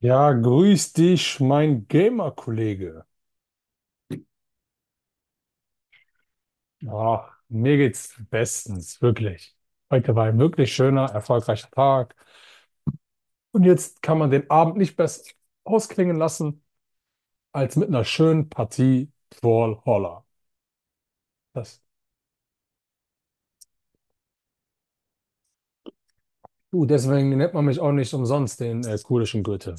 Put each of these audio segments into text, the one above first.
Ja, grüß dich, mein Gamer-Kollege. Ach, mir geht's bestens, wirklich. Heute war ein wirklich schöner, erfolgreicher Tag. Und jetzt kann man den Abend nicht besser ausklingen lassen als mit einer schönen Partie Brawlhalla. Das, Deswegen nennt man mich auch nicht umsonst den kurischen Goethe.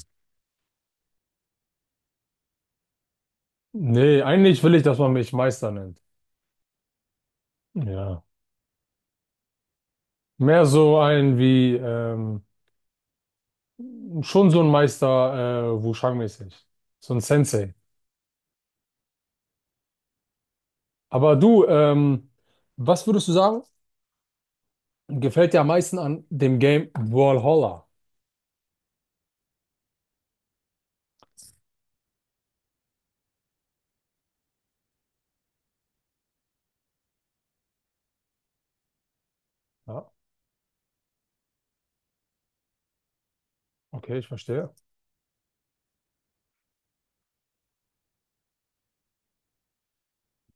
Nee, eigentlich will ich, dass man mich Meister nennt. Ja. Mehr so ein wie, schon so ein Meister, Wushang-mäßig. So ein Sensei. Aber du, was würdest du sagen, gefällt dir am meisten an dem Game Brawlhalla? Ja, okay, ich verstehe.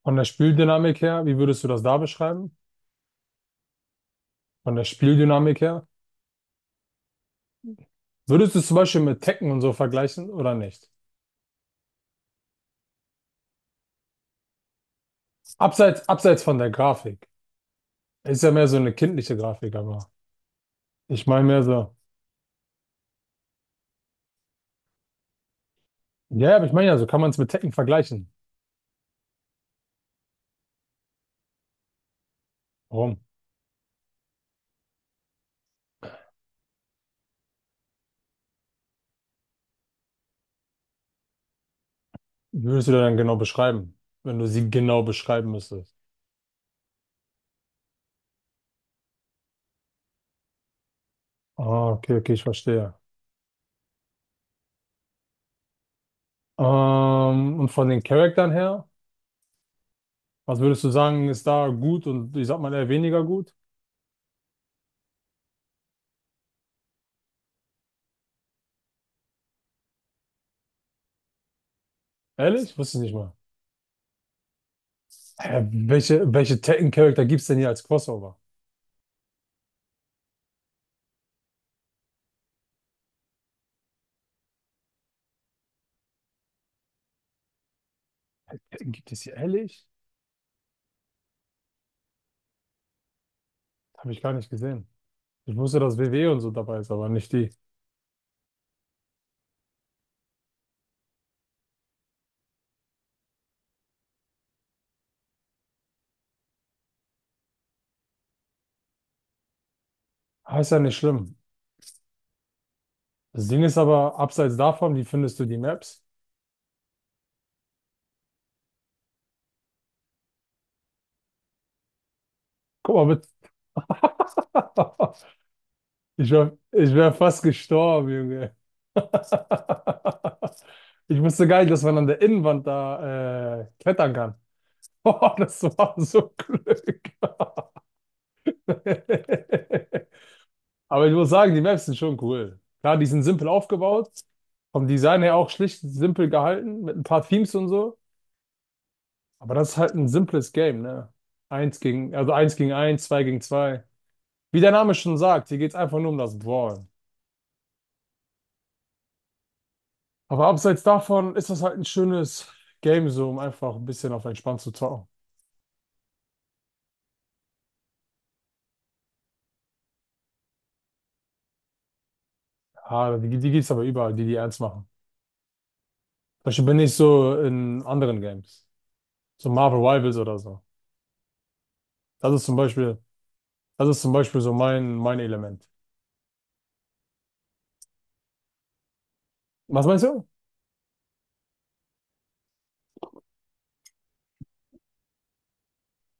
Von der Spieldynamik her, wie würdest du das da beschreiben? Von der Spieldynamik her? Würdest du es zum Beispiel mit Tekken und so vergleichen oder nicht? Abseits von der Grafik. Ist ja mehr so eine kindliche Grafik, aber ich meine mehr so. Ja, aber ich meine ja, so kann man es mit Tekken vergleichen. Warum? Wie würdest du das dann genau beschreiben, wenn du sie genau beschreiben müsstest? Ah, okay, okay, ich verstehe. Und von den Charaktern her, was würdest du sagen, ist da gut und ich sag mal eher weniger gut? Ehrlich? Wusste ich nicht mal. Welche Tekken-Charakter gibt es denn hier als Crossover? Tekken gibt es hier ehrlich? Habe ich gar nicht gesehen. Ich wusste, dass WWE und so dabei ist, aber nicht die. Ah, ist ja nicht schlimm. Das Ding ist aber, abseits davon, wie findest du die Maps? Guck mal bitte. Ich wär fast gestorben, Junge. Ich wusste gar nicht, dass man an der Innenwand da klettern kann. Oh, das war so Glück. Aber ich muss sagen, die Maps sind schon cool. Klar, die sind simpel aufgebaut, vom Design her auch schlicht simpel gehalten, mit ein paar Themes und so. Aber das ist halt ein simples Game, ne? Also eins gegen eins, zwei gegen zwei. Wie der Name schon sagt, hier geht's einfach nur um das Brawl. Aber abseits davon ist das halt ein schönes Game, so um einfach ein bisschen auf entspannt zu zocken. Die gibt's aber überall, die ernst machen. Zum Beispiel bin ich so in anderen Games. So Marvel Rivals oder so. Das ist zum Beispiel, das ist zum Beispiel so mein Element. Was meinst du?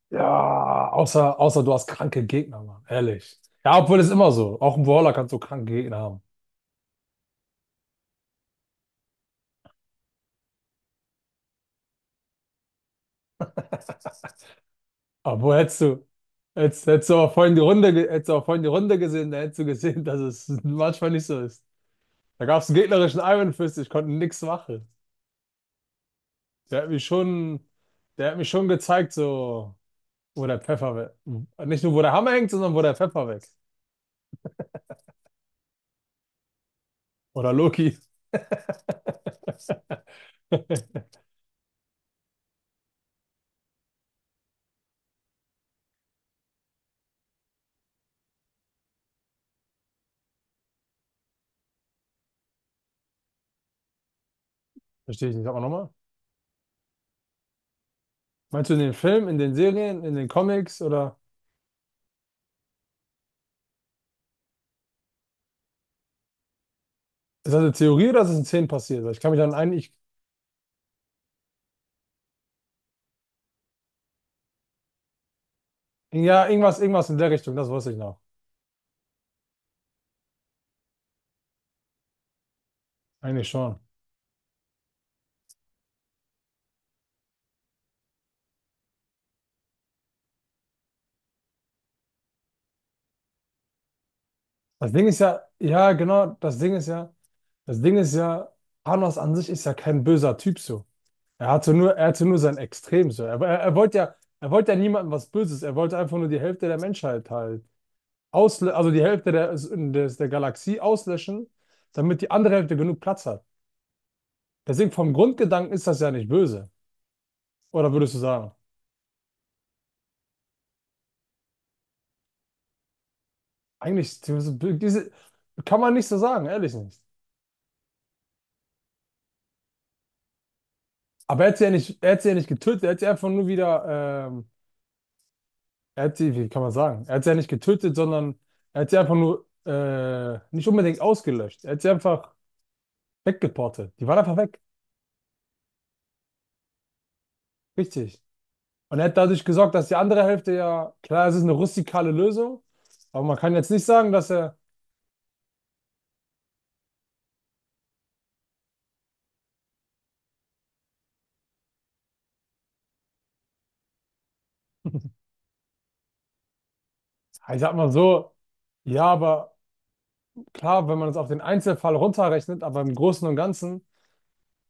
Ja, außer du hast kranke Gegner, Mann. Ehrlich. Ja, obwohl es immer so. Auch im Brawler kannst du kranke Gegner haben. Aber hättest du, hättest du vorhin die Runde, ge- hättest du aber vorhin die Runde gesehen, da hättest du gesehen, dass es manchmal nicht so ist. Da gab es einen gegnerischen Iron Fist, ich konnte nichts machen. Der hat mich schon, der hat mich schon gezeigt, so, wo der Pfeffer weg. Nicht nur, wo der Hammer hängt, sondern wo der Pfeffer weg. Oder Loki. Verstehe ich nicht. Aber nochmal. Meinst du in den Filmen, in den Serien, in den Comics oder ist das eine Theorie oder ist das in Szenen passiert? Weil ich kann mich dann eigentlich. Ja, irgendwas in der Richtung, das weiß ich noch. Eigentlich schon. Das Ding ist ja, ja, genau, das Ding ist ja, das Ding ist ja, Thanos an sich ist ja kein böser Typ so. Er hatte nur sein Extrem so. Er wollte ja niemandem was Böses. Er wollte einfach nur die Hälfte der Menschheit halt ausle also die Hälfte der Galaxie auslöschen, damit die andere Hälfte genug Platz hat. Deswegen vom Grundgedanken ist das ja nicht böse. Oder würdest du sagen? Eigentlich diese kann man nicht so sagen, ehrlich nicht. Aber er hat sie ja nicht getötet, er hat sie einfach nur wieder, er hat sie, wie kann man sagen? Er hat sie ja nicht getötet, sondern er hat sie einfach nur nicht unbedingt ausgelöscht. Er hat sie einfach weggeportet. Die waren einfach weg. Richtig. Und er hat dadurch gesorgt, dass die andere Hälfte ja, klar, es ist eine rustikale Lösung, aber man kann jetzt nicht sagen, dass er, ich sag mal so, ja, aber. Klar, wenn man es auf den Einzelfall runterrechnet, aber im Großen und Ganzen,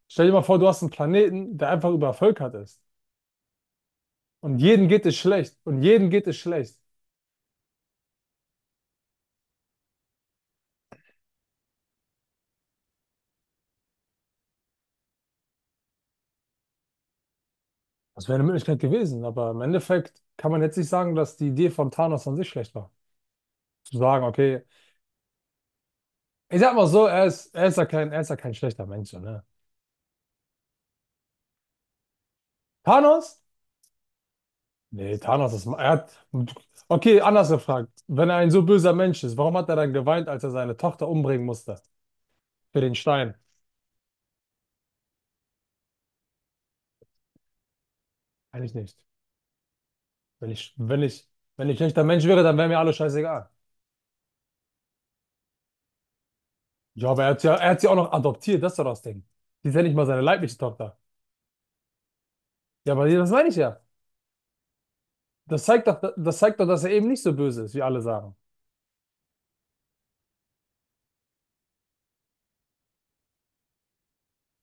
stell dir mal vor, du hast einen Planeten, der einfach übervölkert ist. Und jedem geht es schlecht. Und jedem geht es schlecht. Das wäre eine Möglichkeit gewesen. Aber im Endeffekt kann man jetzt nicht sagen, dass die Idee von Thanos an sich schlecht war. Zu sagen, okay, ich sag mal so, er ist ja kein, er ist ja kein schlechter Mensch, so, ne? Thanos? Nee, Thanos ist, er hat, okay, anders gefragt. Wenn er ein so böser Mensch ist, warum hat er dann geweint, als er seine Tochter umbringen musste? Für den Stein? Eigentlich nicht. Wenn ich, wenn ich, wenn ich ein schlechter Mensch wäre, dann wäre mir alles scheißegal. Ja, aber er hat sie auch noch adoptiert, das ist doch das Ding. Die ist ja nicht mal seine leibliche Tochter. Ja, aber das meine ich ja. Das zeigt doch, dass er eben nicht so böse ist, wie alle sagen.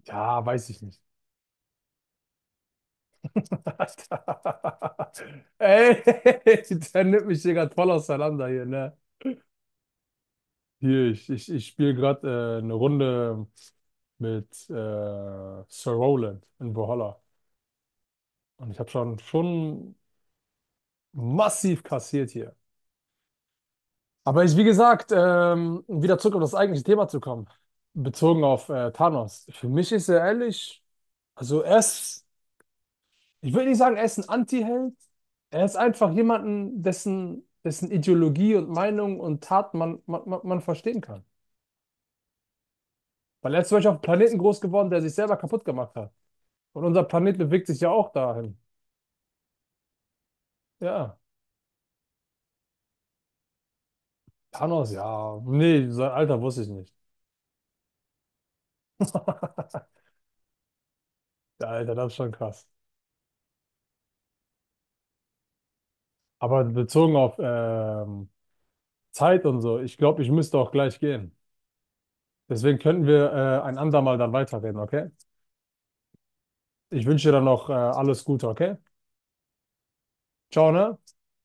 Ja, weiß ich nicht. Ey, der nimmt mich hier gerade voll auseinander hier, ne? Hier, ich spiele gerade eine Runde mit Sir Roland in Brawlhalla. Und ich habe schon massiv kassiert hier. Aber ich, wie gesagt, um wieder zurück auf das eigentliche Thema zu kommen, bezogen auf Thanos. Für mich ist er ehrlich, also er ist, ich will nicht sagen, er ist ein Anti-Held. Er ist einfach jemanden, dessen Ideologie und Meinung und Tat man verstehen kann. Weil er ist zum Beispiel auf einem Planeten groß geworden, der sich selber kaputt gemacht hat. Und unser Planet bewegt sich ja auch dahin. Ja, Thanos, ja. Nee, sein Alter wusste ich nicht. Ja, Alter, das ist schon krass. Aber bezogen auf Zeit und so. Ich glaube, ich müsste auch gleich gehen. Deswegen könnten wir ein andermal dann weiterreden, okay? Ich wünsche dir dann noch alles Gute, okay? Ciao, ne?